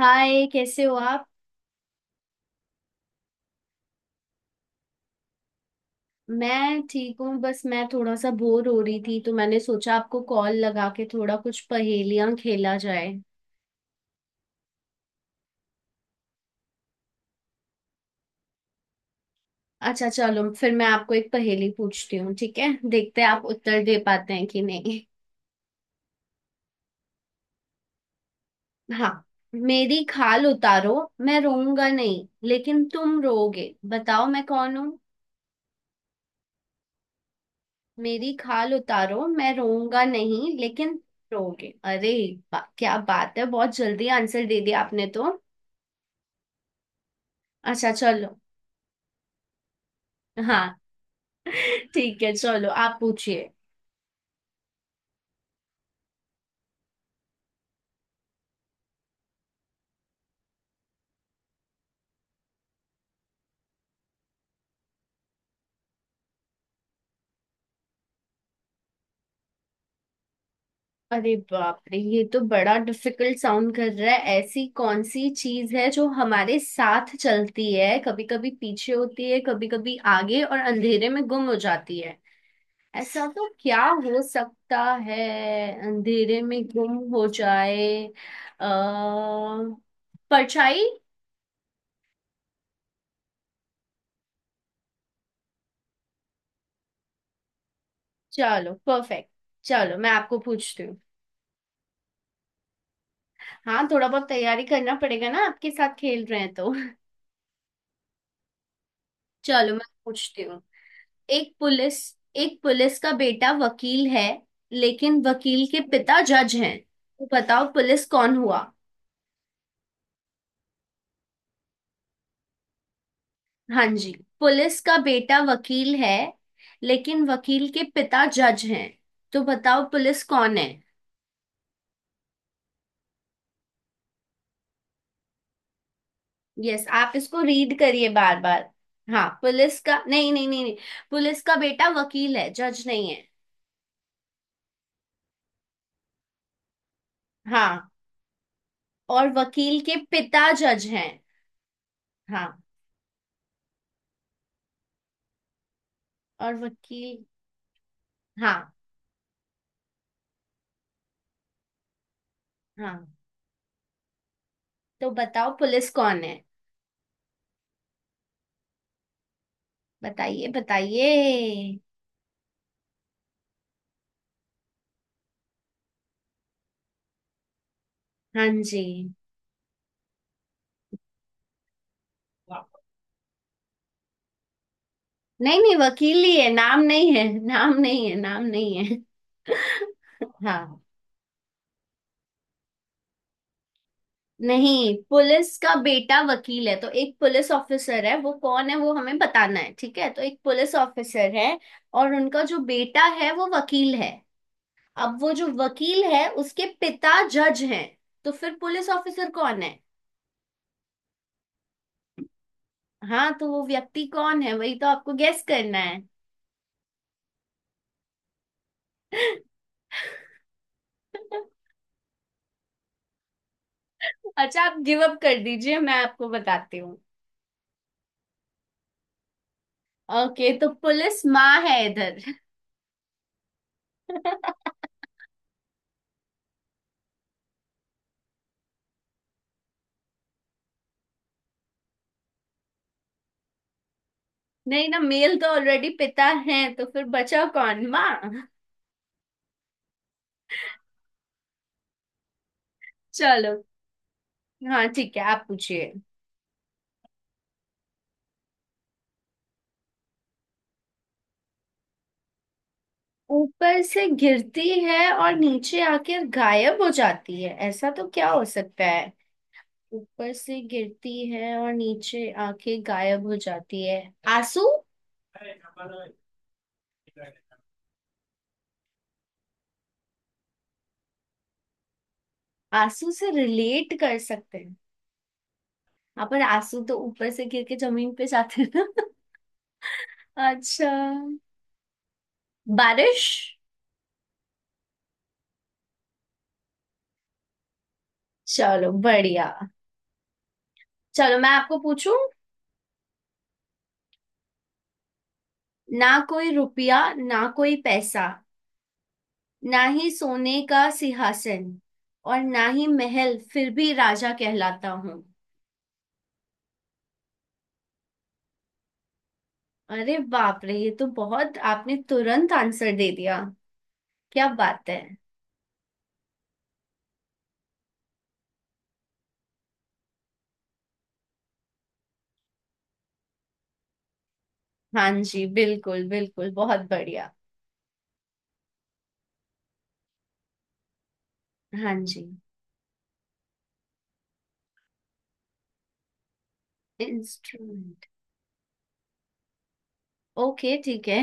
हाय, कैसे हो आप। मैं ठीक हूँ, बस मैं थोड़ा सा बोर हो रही थी तो मैंने सोचा आपको कॉल लगा के थोड़ा कुछ पहेलियां खेला जाए। अच्छा चलो, फिर मैं आपको एक पहेली पूछती हूँ, ठीक है। देखते हैं आप उत्तर दे पाते हैं कि नहीं। हाँ, मेरी खाल उतारो, मैं रोऊंगा नहीं लेकिन तुम रोओगे, बताओ मैं कौन हूँ। मेरी खाल उतारो, मैं रोऊंगा नहीं लेकिन रोओगे। अरे क्या बात है, बहुत जल्दी आंसर दे दिया आपने तो। अच्छा चलो। हाँ, ठीक है, चलो आप पूछिए। अरे बाप रे, ये तो बड़ा डिफिकल्ट साउंड कर रहा है। ऐसी कौन सी चीज है जो हमारे साथ चलती है, कभी कभी पीछे होती है, कभी कभी आगे, और अंधेरे में गुम हो जाती है। ऐसा तो क्या हो सकता है। अंधेरे में गुम हो जाए। अः परछाई। चलो परफेक्ट। चलो मैं आपको पूछती हूँ। हाँ, थोड़ा बहुत तैयारी करना पड़ेगा ना, आपके साथ खेल रहे हैं तो। चलो मैं पूछती हूँ। एक पुलिस एक पुलिस का बेटा वकील है, लेकिन वकील के पिता जज हैं। तो बताओ पुलिस कौन हुआ। हाँ जी, पुलिस का बेटा वकील है, लेकिन वकील के पिता जज हैं। तो बताओ पुलिस कौन है। यस, आप इसको रीड करिए बार बार। हाँ, पुलिस का, नहीं नहीं नहीं नहीं। पुलिस का बेटा वकील है, जज नहीं है। हाँ, और वकील के पिता जज हैं। हाँ, और वकील। हाँ हाँ। तो बताओ पुलिस कौन है। बताइए बताइए। हाँ जी। नहीं नहीं, वकील ही है, नाम नहीं है, नाम नहीं है, नाम नहीं है। हाँ। नहीं, पुलिस का बेटा वकील है, तो एक पुलिस ऑफिसर है, वो कौन है वो हमें बताना है, ठीक है। तो एक पुलिस ऑफिसर है, और उनका जो बेटा है वो वकील है। अब वो जो वकील है, उसके पिता जज हैं। तो फिर पुलिस ऑफिसर कौन है। हाँ, तो वो व्यक्ति कौन है, वही तो आपको गेस करना है। अच्छा, आप गिव अप कर दीजिए, मैं आपको बताती हूँ। ओके, तो पुलिस माँ है इधर। नहीं ना, मेल तो ऑलरेडी पिता है, तो फिर बचा कौन, माँ। चलो। हाँ ठीक है, आप पूछिए। ऊपर से गिरती है और नीचे आकर गायब हो जाती है, ऐसा तो क्या हो सकता है। ऊपर से गिरती है और नीचे आके गायब हो जाती है। आंसू। आंसू से रिलेट कर सकते हैं। हाँ, पर आंसू तो ऊपर से गिर के जमीन पे जाते हैं। अच्छा। बारिश। चलो बढ़िया। चलो मैं आपको पूछूं। ना कोई रुपया ना कोई पैसा, ना ही सोने का सिंहासन, और ना ही महल, फिर भी राजा कहलाता हूँ। अरे बाप रे, ये तो बहुत, आपने तुरंत आंसर दे दिया, क्या बात है। हाँ जी, बिल्कुल बिल्कुल, बहुत बढ़िया। हाँ जी। इंस्ट्रूमेंट, ओके ठीक है।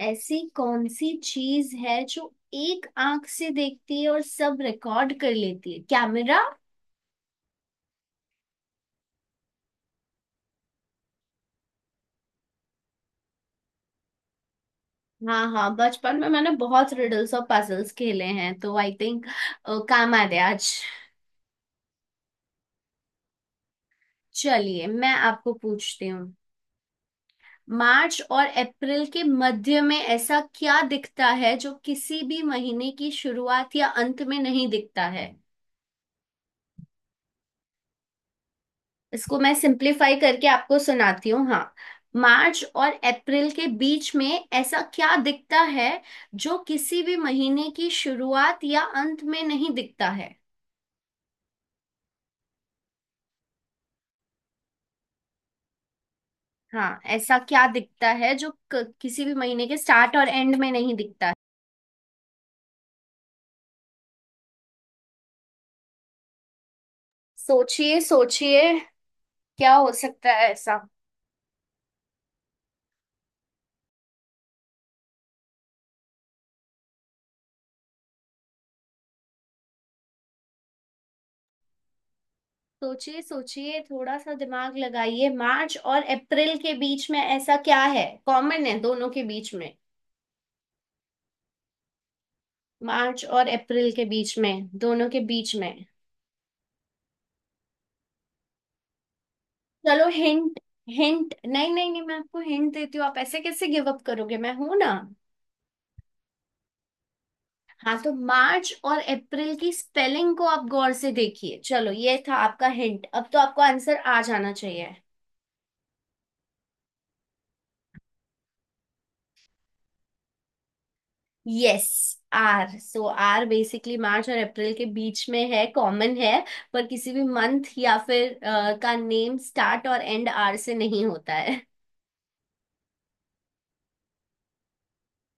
ऐसी कौन सी चीज है जो एक आंख से देखती है और सब रिकॉर्ड कर लेती है। कैमरा। हाँ हाँ, बचपन में मैंने बहुत रिडल्स और पजल्स खेले हैं तो आई थिंक काम आ गया आज। चलिए मैं आपको पूछती हूँ। मार्च और अप्रैल के मध्य में ऐसा क्या दिखता है जो किसी भी महीने की शुरुआत या अंत में नहीं दिखता है। इसको मैं सिंपलीफाई करके आपको सुनाती हूँ। हाँ, मार्च और अप्रैल के बीच में ऐसा क्या दिखता है जो किसी भी महीने की शुरुआत या अंत में नहीं दिखता है। हाँ, ऐसा क्या दिखता है जो किसी भी महीने के स्टार्ट और एंड में नहीं दिखता है। सोचिए सोचिए। क्या हो सकता है ऐसा। सोचिए सोचिए, थोड़ा सा दिमाग लगाइए। मार्च और अप्रैल के बीच में ऐसा क्या है, कॉमन है दोनों के बीच में। मार्च और अप्रैल के बीच में, दोनों के बीच में। चलो हिंट। हिंट, नहीं नहीं नहीं, मैं आपको हिंट देती हूँ, आप ऐसे कैसे गिव अप करोगे, मैं हूं ना। हाँ तो मार्च और अप्रैल की स्पेलिंग को आप गौर से देखिए। चलो ये था आपका हिंट, अब तो आपको आंसर आ जाना चाहिए। Yes, R. So R basically March और अप्रैल के बीच में है, कॉमन है। पर किसी भी मंथ या फिर का नेम स्टार्ट और एंड आर से नहीं होता है।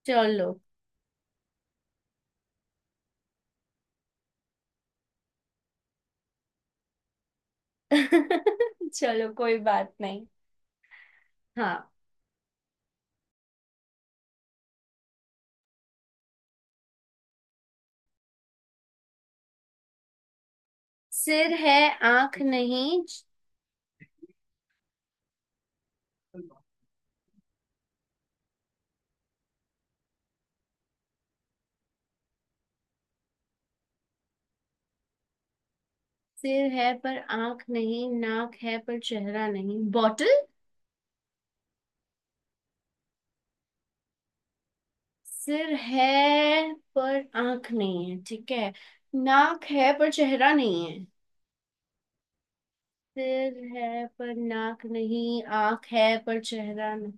चलो। चलो कोई बात नहीं। हाँ। सिर है आंख नहीं। सिर है पर आंख नहीं, नाक है पर चेहरा नहीं, बॉटल। सिर है पर आंख नहीं है, ठीक है, नाक है पर चेहरा नहीं है। सिर है पर नाक नहीं, आंख है पर चेहरा नहीं।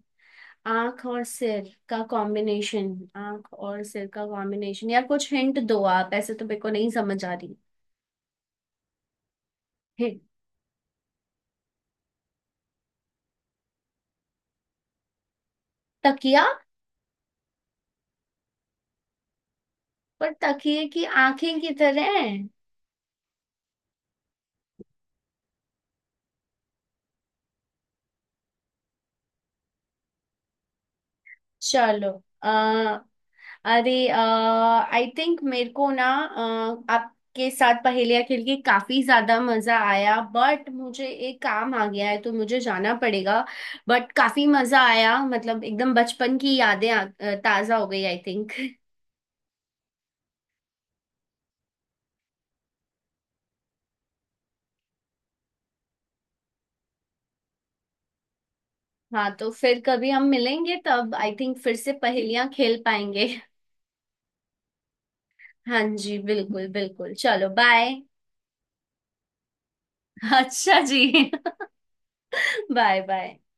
आंख और सिर का कॉम्बिनेशन। आंख और सिर का कॉम्बिनेशन, यार कुछ हिंट दो, आप ऐसे तो मेरे को नहीं समझ आ रही। हिंट। तकिया। पर तकिए की आंखें की तरह हैं। चलो। आ, अरे, आई थिंक मेरे को ना आपके साथ पहेलियाँ खेल के काफी ज्यादा मजा आया, बट मुझे एक काम आ गया है तो मुझे जाना पड़ेगा। बट काफी मजा आया, मतलब एकदम बचपन की यादें ताजा हो गई आई थिंक। हाँ, तो फिर कभी हम मिलेंगे तब आई थिंक फिर से पहेलियाँ खेल पाएंगे। हाँ जी, बिल्कुल बिल्कुल, चलो बाय। अच्छा जी। Bye bye.